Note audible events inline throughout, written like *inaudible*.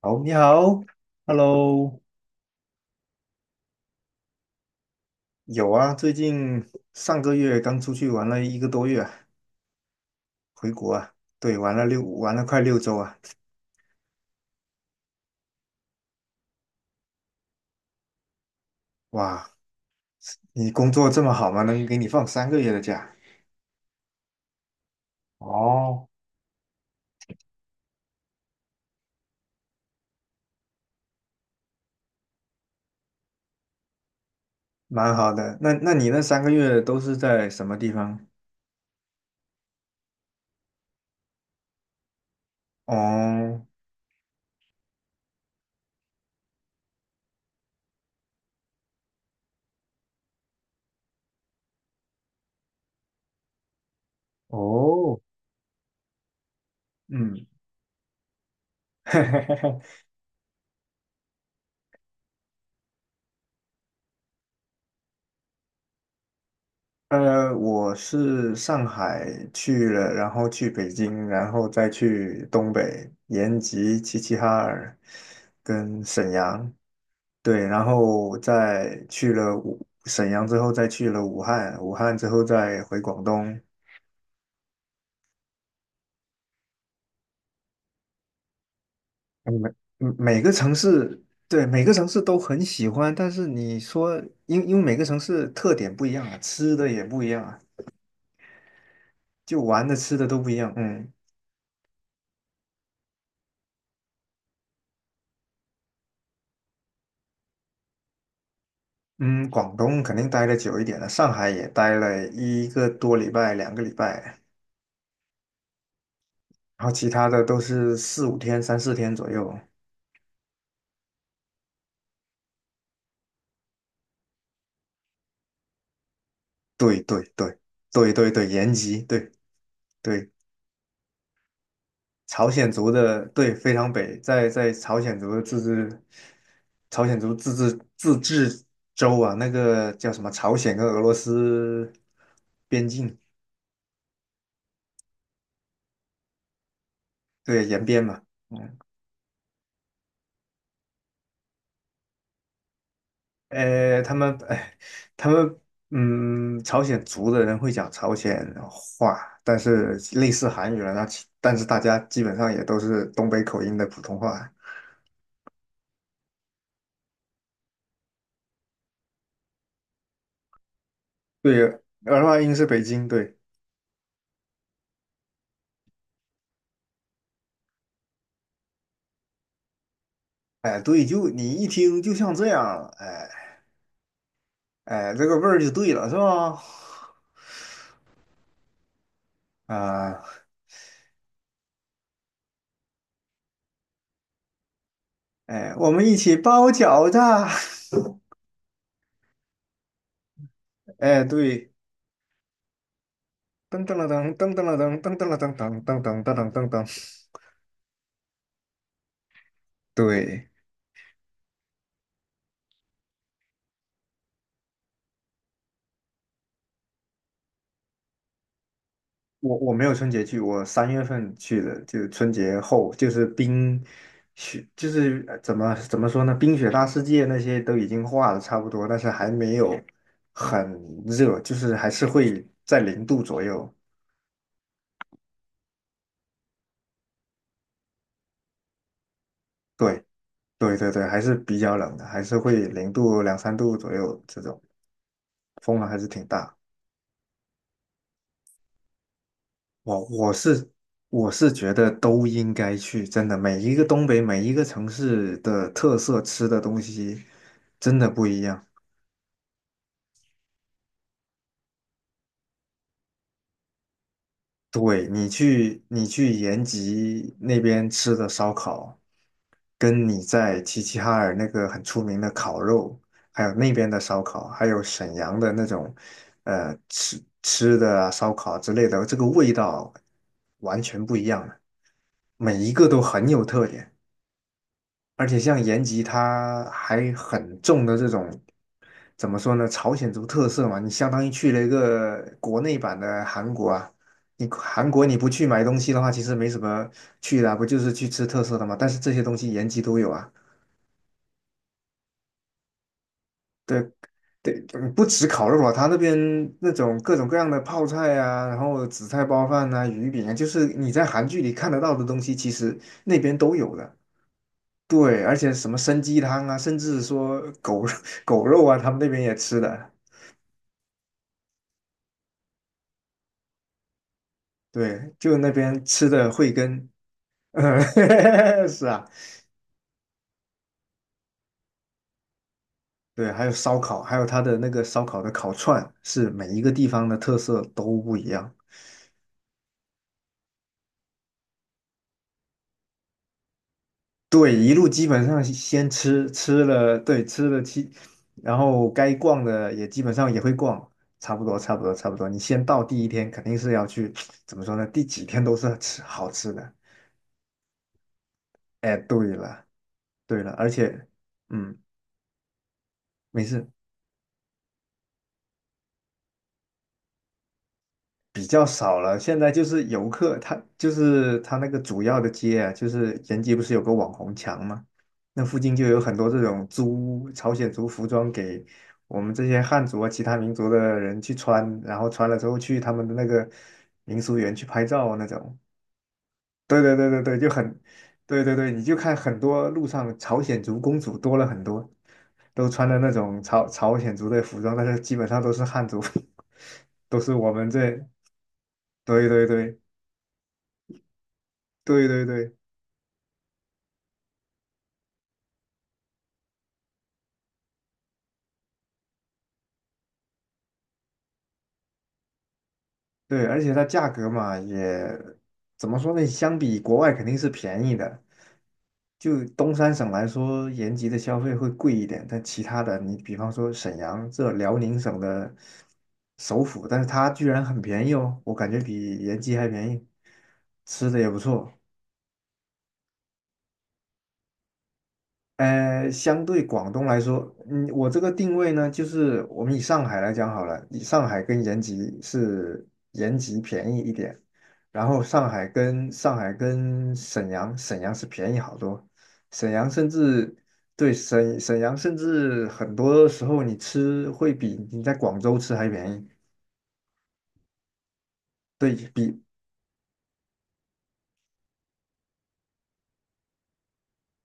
好，你好，Hello。有啊，最近上个月刚出去玩了一个多月啊，回国啊。对，玩了快6周啊。哇，你工作这么好吗？能给你放三个月的假？哦，蛮好的。那你那三个月都是在什么地方？哦，哦，嗯。*laughs* 我是上海去了，然后去北京，然后再去东北延吉、齐齐哈尔跟沈阳。对，然后再去了沈阳之后，再去了武汉，武汉之后再回广东。嗯每每个城市，对，每个城市都很喜欢，但是你说，因每个城市特点不一样啊，吃的也不一样啊，就玩的吃的都不一样，嗯。嗯，广东肯定待的久一点了，上海也待了一个多礼拜、2个礼拜，然后其他的都是4、5天、3、4天左右。对对对对对对，延吉，对对，朝鲜族的，对，非常北，在朝鲜族的自治，朝鲜族自治州啊，那个叫什么？朝鲜跟俄罗斯边境，对，延边嘛。他们，哎，他们，朝鲜族的人会讲朝鲜话，但是类似韩语了，但是大家基本上也都是东北口音的普通话。对，儿化音是北京，对。哎，对，就你一听就像这样，哎，这个味儿就对了，是吧？啊，哎，我们一起包饺子。*laughs* 哎，对，噔噔了噔，噔噔了噔，噔噔了噔噔噔噔噔噔噔，对。我没有春节去，我3月份去的，就是春节后，就是冰雪，就是怎么说呢，冰雪大世界那些都已经化的差不多，但是还没有很热，就是还是会在零度左右。对对对对，还是比较冷的，还是会零度2、3度左右这种，风还是挺大。我我是我是觉得都应该去，真的，每一个城市的特色吃的东西真的不一样。对，你去延吉那边吃的烧烤，跟你在齐齐哈尔那个很出名的烤肉，还有那边的烧烤，还有沈阳的那种，吃的啊烧烤之类的，这个味道完全不一样的，每一个都很有特点。而且像延吉，它还很重的这种，怎么说呢？朝鲜族特色嘛，你相当于去了一个国内版的韩国啊。你韩国你不去买东西的话，其实没什么去的啊不就是去吃特色的嘛？但是这些东西延吉都有啊。对对，不止烤肉啊，他那边那种各种各样的泡菜啊，然后紫菜包饭啊、鱼饼啊，就是你在韩剧里看得到的东西，其实那边都有的。对，而且什么参鸡汤啊，甚至说狗 *laughs* 狗肉啊，他们那边也吃的。对，就那边吃的慧根。*laughs* 嗯，是啊。对，还有烧烤，还有他的那个烧烤的烤串，是每一个地方的特色都不一样。对，一路基本上先吃吃了，对，吃了七，然后该逛的也基本上也会逛，差不多，差不多，差不多。你先到第一天肯定是要去，*tsk* 怎么说呢？第几天都是吃好吃的。哎，对了。对了，而且，嗯，没事。比较少了。现在就是游客，他就是他那个主要的街啊，就是延吉不是有个网红墙吗？那附近就有很多这种租朝鲜族服装给我们这些汉族啊、其他民族的人去穿，然后穿了之后去他们的那个民俗园去拍照啊那种。对对对对对，就很，对对对，你就看很多路上朝鲜族公主多了很多，都穿的那种朝鲜族的服装，但是基本上都是汉族。*laughs* 都是我们这，对对对对对对。对，而且它价格嘛，也怎么说呢？相比国外肯定是便宜的。就东三省来说，延吉的消费会贵一点，但其他的，你比方说沈阳，这辽宁省的首府，但是它居然很便宜哦，我感觉比延吉还便宜，吃的也不错。相对广东来说，我这个定位呢，就是我们以上海来讲好了，以上海跟延吉是延吉便宜一点，然后上海跟沈阳，沈阳是便宜好多，沈阳甚至对沈阳甚至很多时候你吃会比你在广州吃还便宜。对比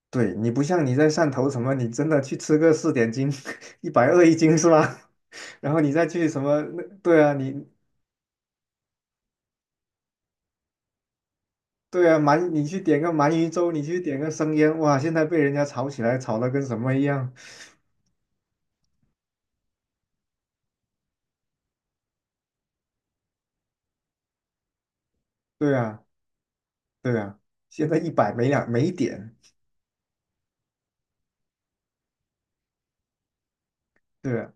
对你不像你在汕头什么，你真的去吃个四点斤。*laughs* 120一斤是吧？*laughs* 然后你再去什么那？对啊，你对啊，你去点个鳗鱼粥，你去点个生腌，哇，现在被人家炒起来，炒的跟什么一样。对啊，对啊，现在一百没两没一点。对啊，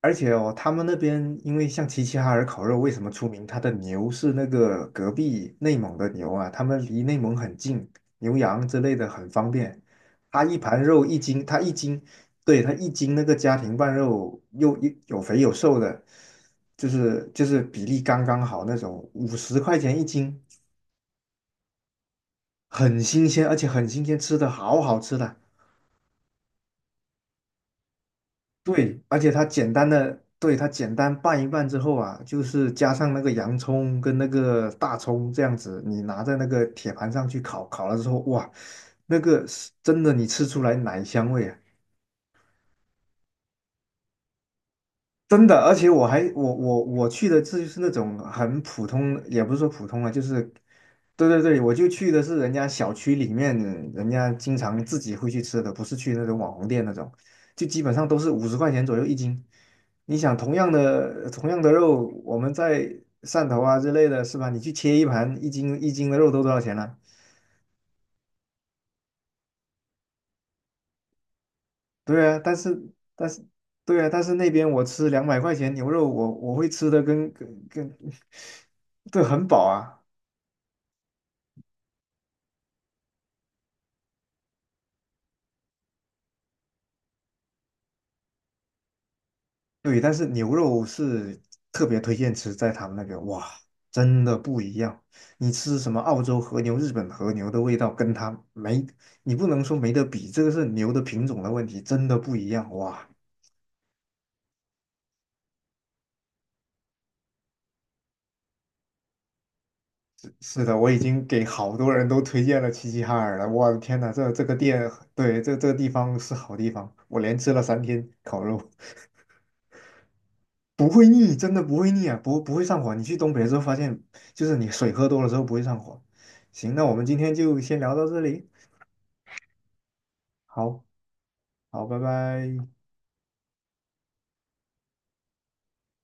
而且哦，他们那边因为像齐齐哈尔烤肉为什么出名？他的牛是那个隔壁内蒙的牛啊，他们离内蒙很近，牛羊之类的很方便。他一盘肉一斤，他一斤，对，他一斤那个家庭拌肉又有肥有瘦的，就是比例刚刚好那种，五十块钱一斤。很新鲜，而且很新鲜，吃的好好吃的。对，而且它简单的，对，它简单拌一拌之后啊，就是加上那个洋葱跟那个大葱这样子，你拿在那个铁盘上去烤，烤了之后，哇，那个是真的，你吃出来奶香味啊。真的，而且我还我我我去的这就是那种很普通，也不是说普通啊，就是对对对，我就去的是人家小区里面，人家经常自己会去吃的，不是去那种网红店那种，就基本上都是五十块钱左右一斤。你想同样的肉，我们在汕头啊之类的，是吧？你去切一盘一斤一斤的肉都多少钱了？对啊，但是但是那边我吃200块钱牛肉，我会吃的跟跟跟。*laughs* 对，很饱啊。对，但是牛肉是特别推荐吃在他们那边，哇，真的不一样。你吃什么澳洲和牛、日本和牛的味道，跟它没，你不能说没得比，这个是牛的品种的问题，真的不一样。哇，是的，我已经给好多人都推荐了齐齐哈尔了。我的天呐，这个店，对，这个地方是好地方，我连吃了3天烤肉，不会腻，真的不会腻啊，不会上火。你去东北之后发现，就是你水喝多了之后不会上火。行，那我们今天就先聊到这里。好，好，拜拜。